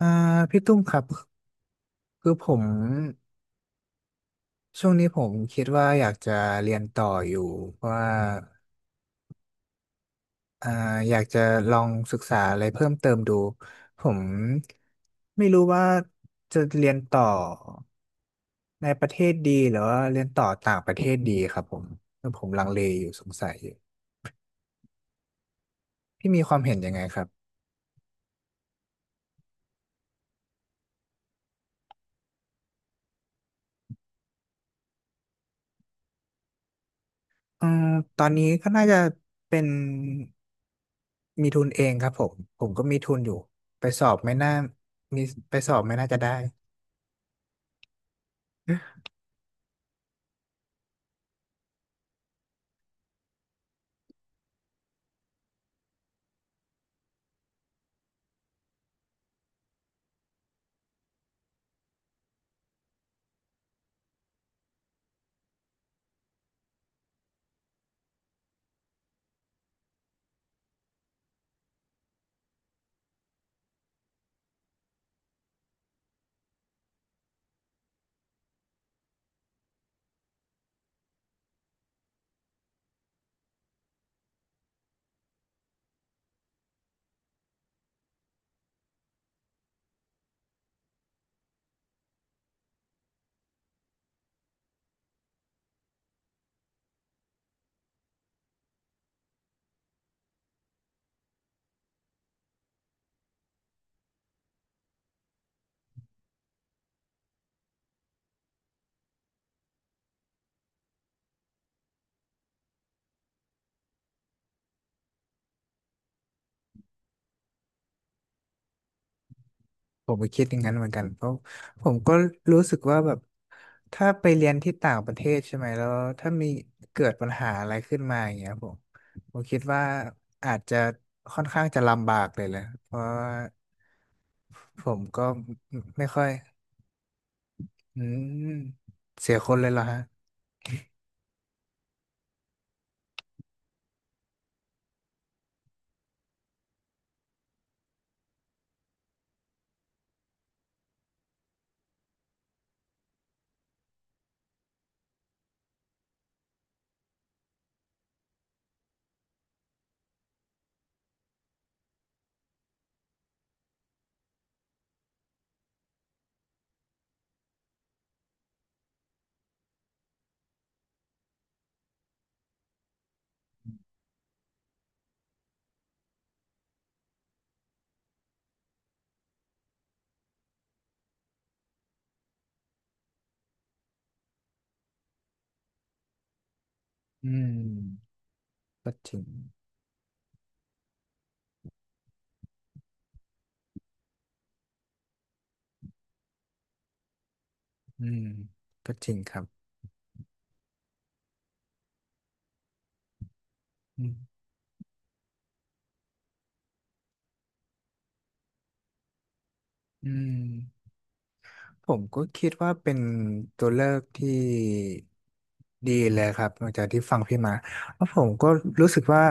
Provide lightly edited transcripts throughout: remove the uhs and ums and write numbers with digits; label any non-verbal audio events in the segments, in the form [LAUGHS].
อ่าพี่ตุ้มครับคือผมช่วงนี้ผมคิดว่าอยากจะเรียนต่ออยู่เพราะว่าอ่าอยากจะลองศึกษาอะไรเพิ่มเติมดูผมไม่รู้ว่าจะเรียนต่อในประเทศดีหรือว่าเรียนต่อต่างประเทศดีครับผมคือผมลังเลอยู่สงสัยอยู่พี่มีความเห็นยังไงครับอืมตอนนี้ก็น่าจะเป็นมีทุนเองครับผมผมก็มีทุนอยู่ไปสอบไม่น่ามีไปสอบไม่น่าจะได้ ผมก็คิดอย่างนั้นเหมือนกันเพราะผมก็รู้สึกว่าแบบถ้าไปเรียนที่ต่างประเทศใช่ไหมแล้วถ้ามีเกิดปัญหาอะไรขึ้นมาอย่างเงี้ยผมคิดว่าอาจจะค่อนข้างจะลำบากเลยแหละเพราะว่าผมก็ไม่ค่อยอืมเสียคนเลยเหรอฮะอืมก็จริงอืมก็จริงครับอืมอืม ผมก็คิดว่าเป็นตัวเลือกที่ดีเลยครับหลังจากที่ฟังพี่มาแล้วผมก็รู้สึกว่า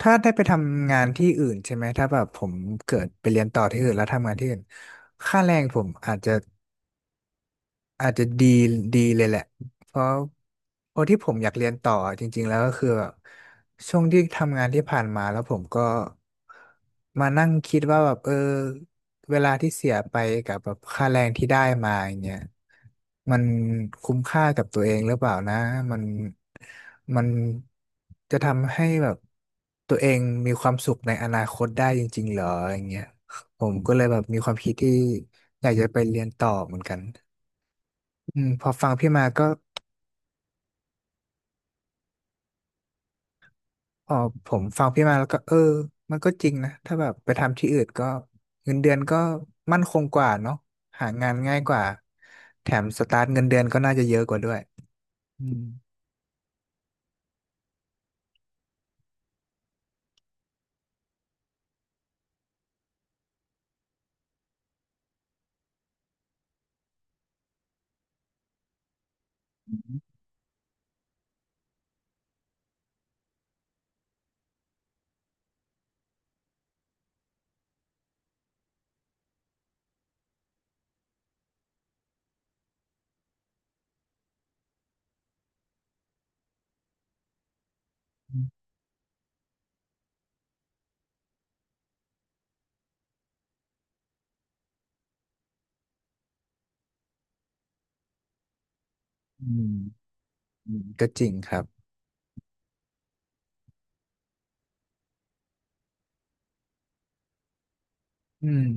ถ้าได้ไปทำงานที่อื่นใช่ไหมถ้าแบบผมเกิดไปเรียนต่อที่อื่นแล้วทำงานที่อื่นค่าแรงผมอาจจะอาจจะดีดีเลยแหละเพราะเพราะที่ผมอยากเรียนต่อจริงๆแล้วก็คือแบบช่วงที่ทำงานที่ผ่านมาแล้วผมก็มานั่งคิดว่าแบบเออเวลาที่เสียไปกับแบบค่าแรงที่ได้มาอย่างเงี้ย มันคุ้มค่ากับตัวเองหรือเปล่านะมันมันจะทำให้แบบตัวเองมีความสุขในอนาคตได้จริงๆเหรออย่างเงี้ยผมก็เลยแบบมีความคิดที่อยากจะไปเรียนต่อเหมือนกันอืมพอฟังพี่มาก็พอผมฟังพี่มาแล้วก็เออมันก็จริงนะถ้าแบบไปทำที่อื่นก็เงินเดือนก็มั่นคงกว่าเนาะหางานง่ายกว่าแถมสตาร์ทเงินเดือนก็น่าจะเยอะกว่าด้วยอืมอืมอืมก็จริงครับ อืม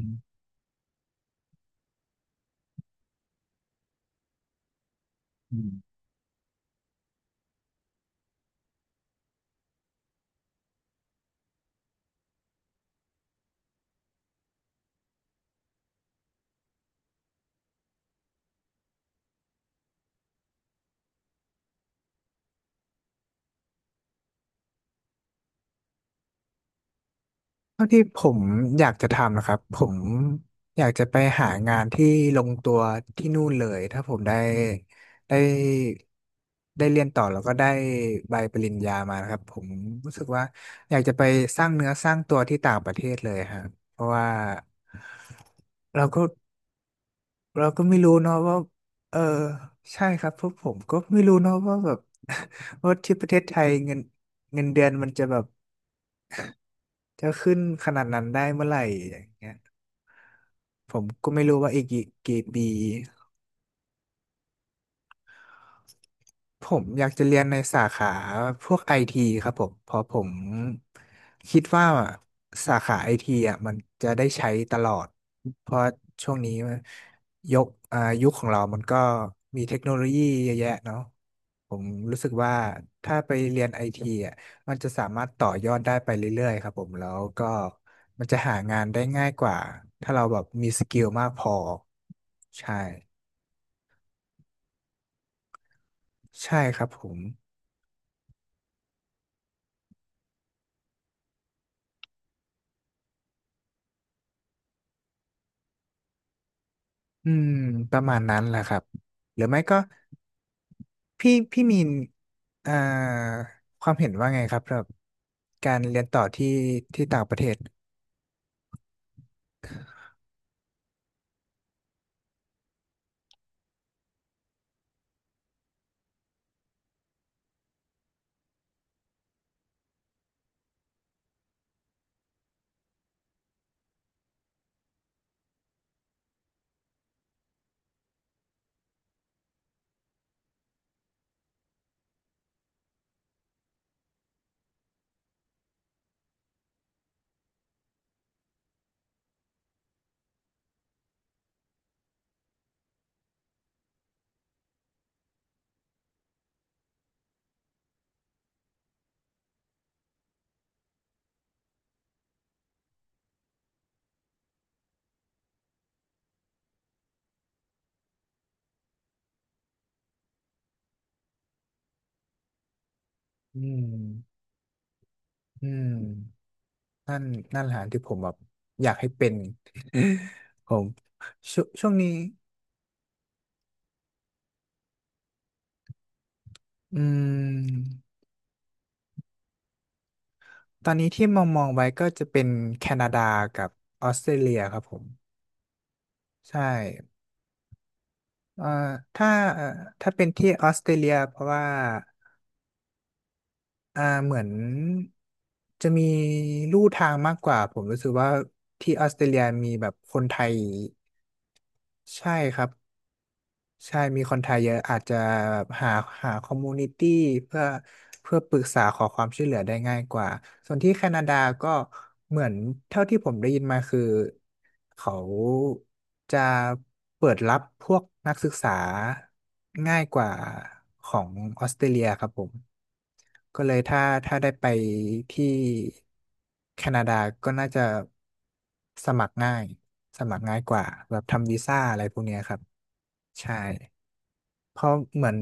อืมเท่าที่ผมอยากจะทำนะครับผมอยากจะไปหางานที่ลงตัวที่นู่นเลยถ้าผมได้ได้ได้เรียนต่อแล้วก็ได้ใบปริญญามานะครับผมรู้สึกว่าอยากจะไปสร้างเนื้อสร้างตัวที่ต่างประเทศเลยฮะเพราะว่าเราก็เราก็ไม่รู้เนาะว่าเออใช่ครับเพราะผมก็ไม่รู้เนาะว่าแบบ [LAUGHS] ว่าที่ประเทศไทยเงินเดือนมันจะแบบ จะขึ้นขนาดนั้นได้เมื่อไหร่อย่างเงี้ยผมก็ไม่รู้ว่าอีกกี่ปี ผมอยากจะเรียนในสาขาพวกไอทีครับผมเพราะผมคิดว่าสาขาไอทีอ่ะมันจะได้ใช้ตลอดเพราะช่วงนี้ยกอ่ายุคของเรามันก็มีเทคโนโลยีเยอะแยะเนาะผมรู้สึกว่าถ้าไปเรียนไอทีอ่ะมันจะสามารถต่อยอดได้ไปเรื่อยๆครับผมแล้วก็มันจะหางานได้ง่ายกว่าถ้าเราแบบมีสกิลมากพอใช่ใช่ครับผม อืมประมาณนั้นแหละครับหรือไม่ก็พี่เอ่อความเห็นว่าไงครับสำหรับการเรียนต่อที่ต่างประเทศอืมอืมนั่นนั่นแหละที่ผมแบบอยากให้เป็น [LAUGHS] ชวงช่วงนี้อืมตอนนี้ที่มองไว้ก็จะเป็นแคนาดากับออสเตรเลียครับผมใช่เอ่อถ้าเอ่อถ้าเป็นที่ออสเตรเลียเพราะว่า เหมือนจะมีลู่ทางมากกว่าผมรู้สึกว่าที่ออสเตรเลียมีแบบคนไทยใช่ครับใช่มีคนไทยเยอะอาจจะแบบหาคอมมูนิตี้เพื่อเพื่อปรึกษาขอความช่วยเหลือได้ง่ายกว่าส่วนที่แคนาดาก็เหมือนเท่าที่ผมได้ยินมาคือเขาจะเปิดรับพวกนักศึกษาง่ายกว่าของออสเตรเลียครับผม ก็เลยถ้าได้ไปที่แคนาดาก็น่าจะสมัครง่ายสมัครง่ายกว่าแบบทำวีซ่าอะไรพวกเนี้ยครับใช่เพราะเหมือน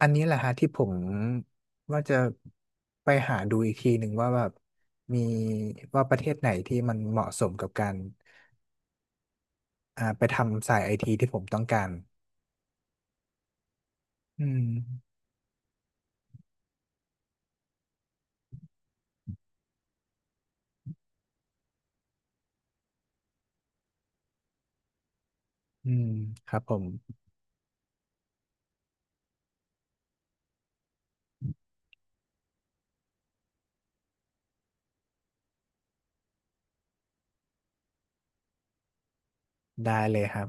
อันนี้แหละฮะที่ผมว่าจะไปหาดูอีกทีหนึ่งว่าแบบมีว่าประเทศไหนที่มันเหมาะสมกับการไปทำสายไอทีที่ผมต้องการอืมอืมครับผมได้เลยครับ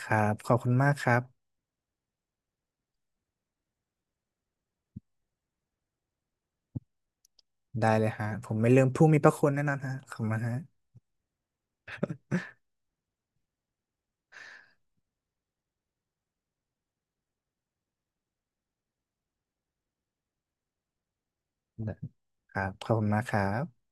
ครับขอบคุณมากครับ ได้เลยฮะผมไม่ลืมผู้มีพระคุณแน่นอนฮะขอบคุณมากฮะครับขอบคุณมากครับ